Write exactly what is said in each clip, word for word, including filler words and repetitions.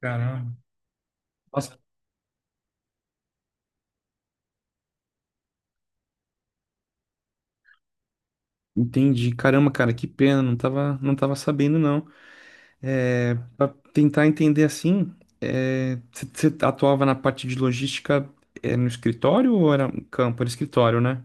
Caramba. Nossa, entendi. Caramba, cara, que pena, não tava, não tava sabendo, não. É, para tentar entender assim, você atuava na parte de logística, é, no escritório ou era no campo? Era escritório, né?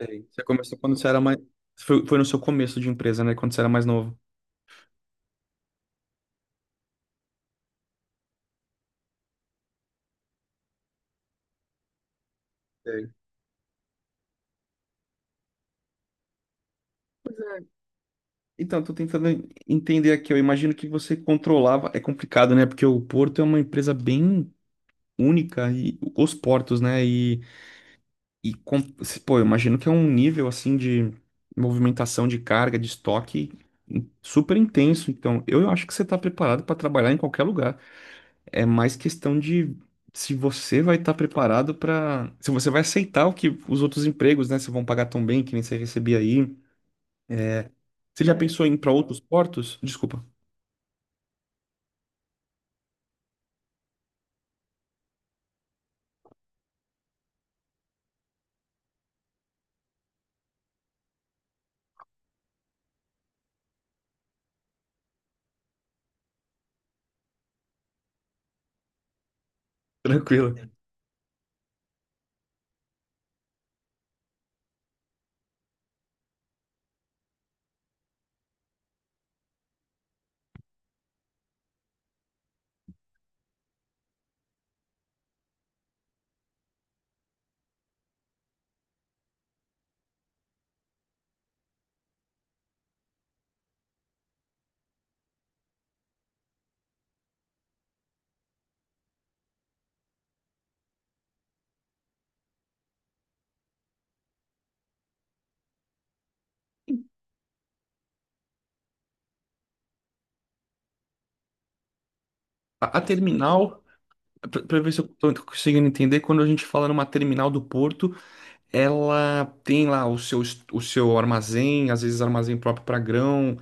Sei. Você começou quando você era mais. Foi, foi no seu começo de empresa, né? Quando você era mais novo. Sei. Pois é. Então, eu tô tentando entender aqui. Eu imagino que você controlava. É complicado, né? Porque o Porto é uma empresa bem única e os portos, né? E, com- Pô, eu imagino que é um nível, assim, de movimentação de carga, de estoque hum, super intenso. Então, eu acho que você está preparado para trabalhar em qualquer lugar. É mais questão de se você vai estar preparado para... Se você vai aceitar o que os outros empregos, né? Se vão pagar tão bem, que nem você recebia aí. É, você já pensou em ir para outros portos? Desculpa, tranquilo. A, a terminal... Para ver se eu estou conseguindo entender, quando a gente fala numa terminal do porto, ela tem lá o seu, est- o seu armazém, às vezes armazém próprio para grão.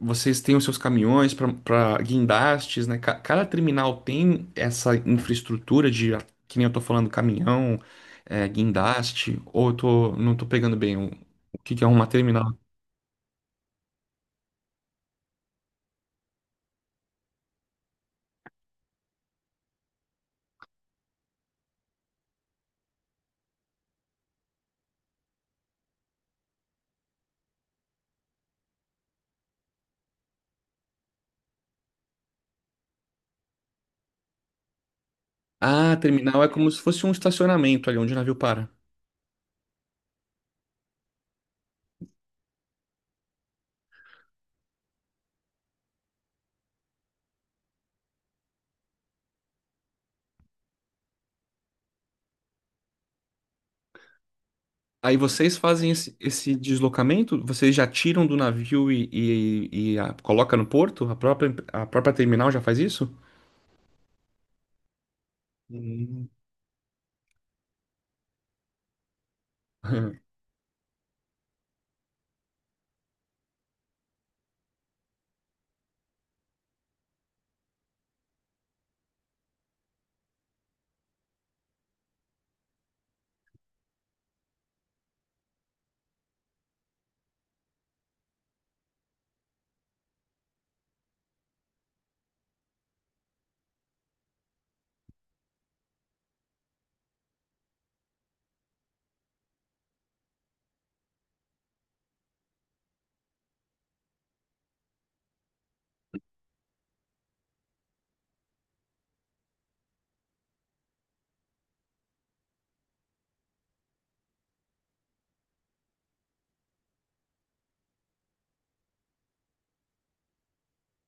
Vocês têm os seus caminhões para guindastes, né? Ca- Cada terminal tem essa infraestrutura de, que nem eu tô falando, caminhão, é, guindaste, ou eu tô, não tô pegando bem o, o que que é uma terminal. Ah, terminal é como se fosse um estacionamento ali onde o navio para. Aí vocês fazem esse, esse deslocamento, vocês já tiram do navio e, e, e a- coloca no porto? A própria, a própria terminal já faz isso? Hum.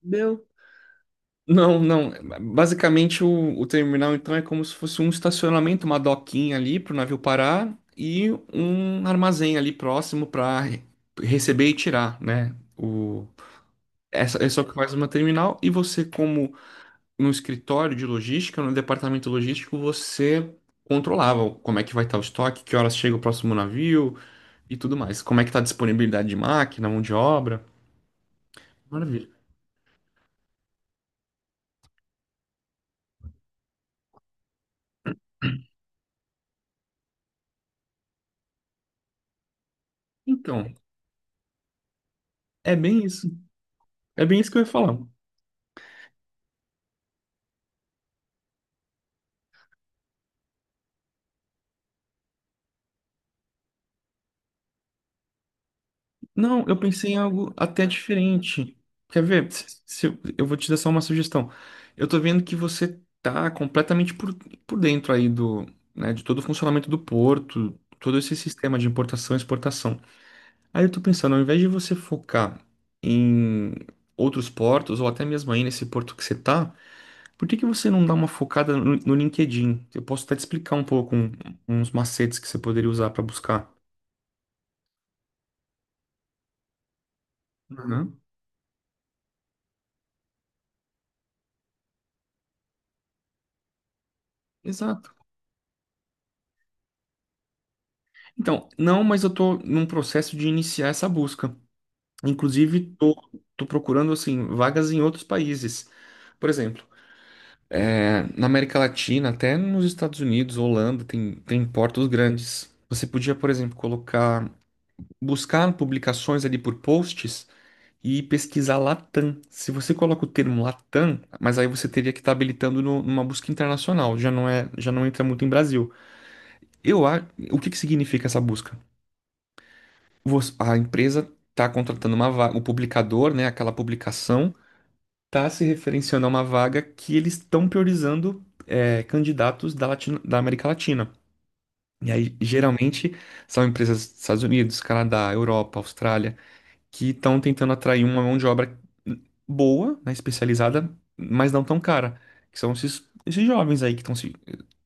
Meu. Não, não. Basicamente, o, o terminal, então, é como se fosse um estacionamento, uma doquinha ali para o navio parar e um armazém ali próximo para receber e tirar, né? O, essa, essa é só que faz uma terminal e você, como no escritório de logística, no departamento logístico, você controlava como é que vai estar o estoque, que horas chega o próximo navio e tudo mais. Como é que está a disponibilidade de máquina, mão de obra. Maravilha. Então, é bem isso. É bem isso que eu ia falar. Não, eu pensei em algo até diferente. Quer ver? Se, se eu eu vou te dar só uma sugestão. Eu tô vendo que você tá completamente por, por dentro aí do, né, de todo o funcionamento do porto, todo esse sistema de importação e exportação. Aí eu tô pensando, ao invés de você focar em outros portos, ou até mesmo aí nesse porto que você tá, por que que você não dá uma focada no, no LinkedIn? Eu posso até te explicar um pouco um- uns macetes que você poderia usar para buscar. Uhum. Exato. Então, não, mas eu tô num processo de iniciar essa busca. Inclusive, tô, tô procurando, assim, vagas em outros países. Por exemplo, é, na América Latina, até nos Estados Unidos, Holanda, tem, tem portos grandes. Você podia, por exemplo, colocar, buscar publicações ali por posts e pesquisar Latam. Se você coloca o termo Latam, mas aí você teria que estar habilitando no- numa busca internacional, já não é, já não entra muito em Brasil. Eu, a- o que que significa essa busca? Você- a empresa está contratando uma vaga, o publicador, né, aquela publicação, está se referenciando a uma vaga que eles estão priorizando é, candidatos da, Latino- da América Latina. E aí, geralmente, são empresas dos Estados Unidos, Canadá, Europa, Austrália, que estão tentando atrair uma mão de obra boa, né, especializada, mas não tão cara, que são esses, esses jovens aí que estão se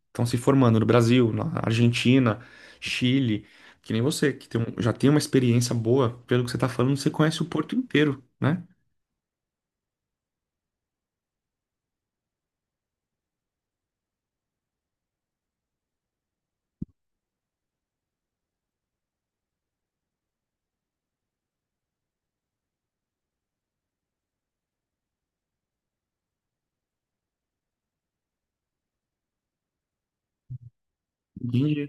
estão se formando no Brasil, na Argentina, Chile, que nem você, que tem um- já tem uma experiência boa, pelo que você está falando, você conhece o Porto inteiro, né? Entendi.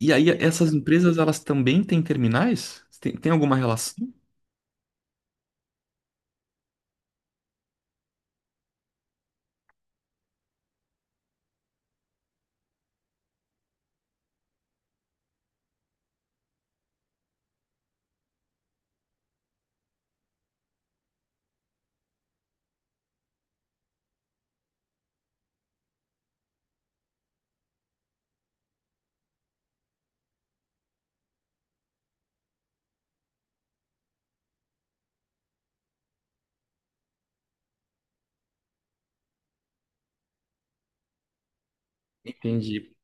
E aí, essas empresas, elas também têm terminais? Tem, tem alguma relação? Entendi,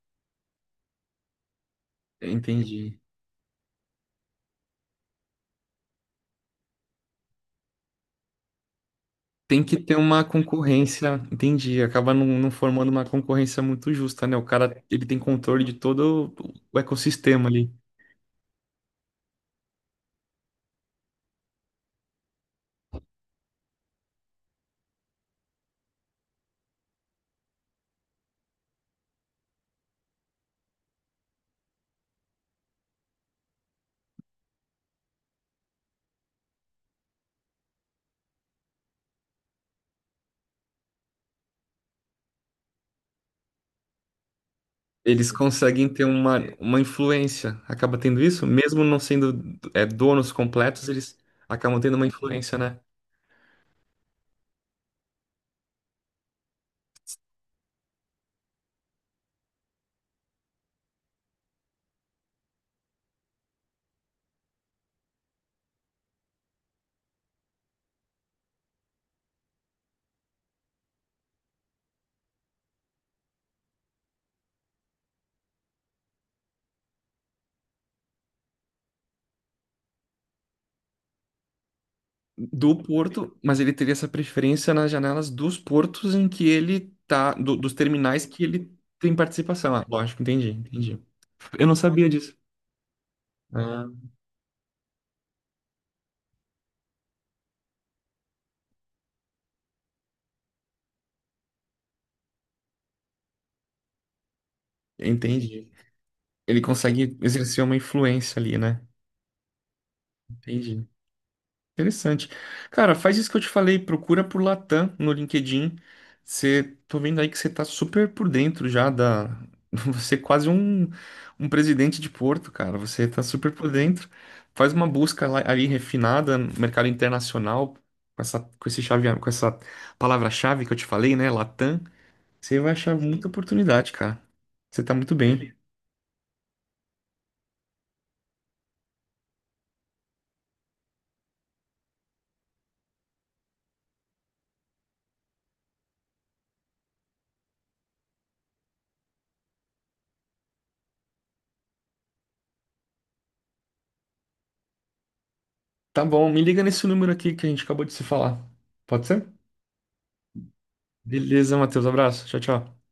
entendi. Tem que ter uma concorrência, entendi. Acaba não, não formando uma concorrência muito justa, né? O cara, ele tem controle de todo o ecossistema ali. Eles conseguem ter uma, uma influência, acaba tendo isso, mesmo não sendo é, donos completos, eles acabam tendo uma influência, né? Do porto, mas ele teria essa preferência nas janelas dos portos em que ele tá, do- dos terminais que ele tem participação. Ah, lógico, entendi, entendi. Eu não sabia disso. Ah, entendi. Ele consegue exercer uma influência ali, né? Entendi. Interessante. Cara, faz isso que eu te falei, procura por Latam no LinkedIn. Você, tô vendo aí que você tá super por dentro já da. Você é quase um, um presidente de Porto, cara. Você tá super por dentro. Faz uma busca lá- ali refinada no mercado internacional, com essa, com esse chave, com essa palavra-chave que eu te falei, né? Latam. Você vai achar muita oportunidade, cara. Você tá muito bem. Tá bom, me liga nesse número aqui que a gente acabou de se falar. Pode ser? Beleza, Matheus. Abraço. Tchau, tchau.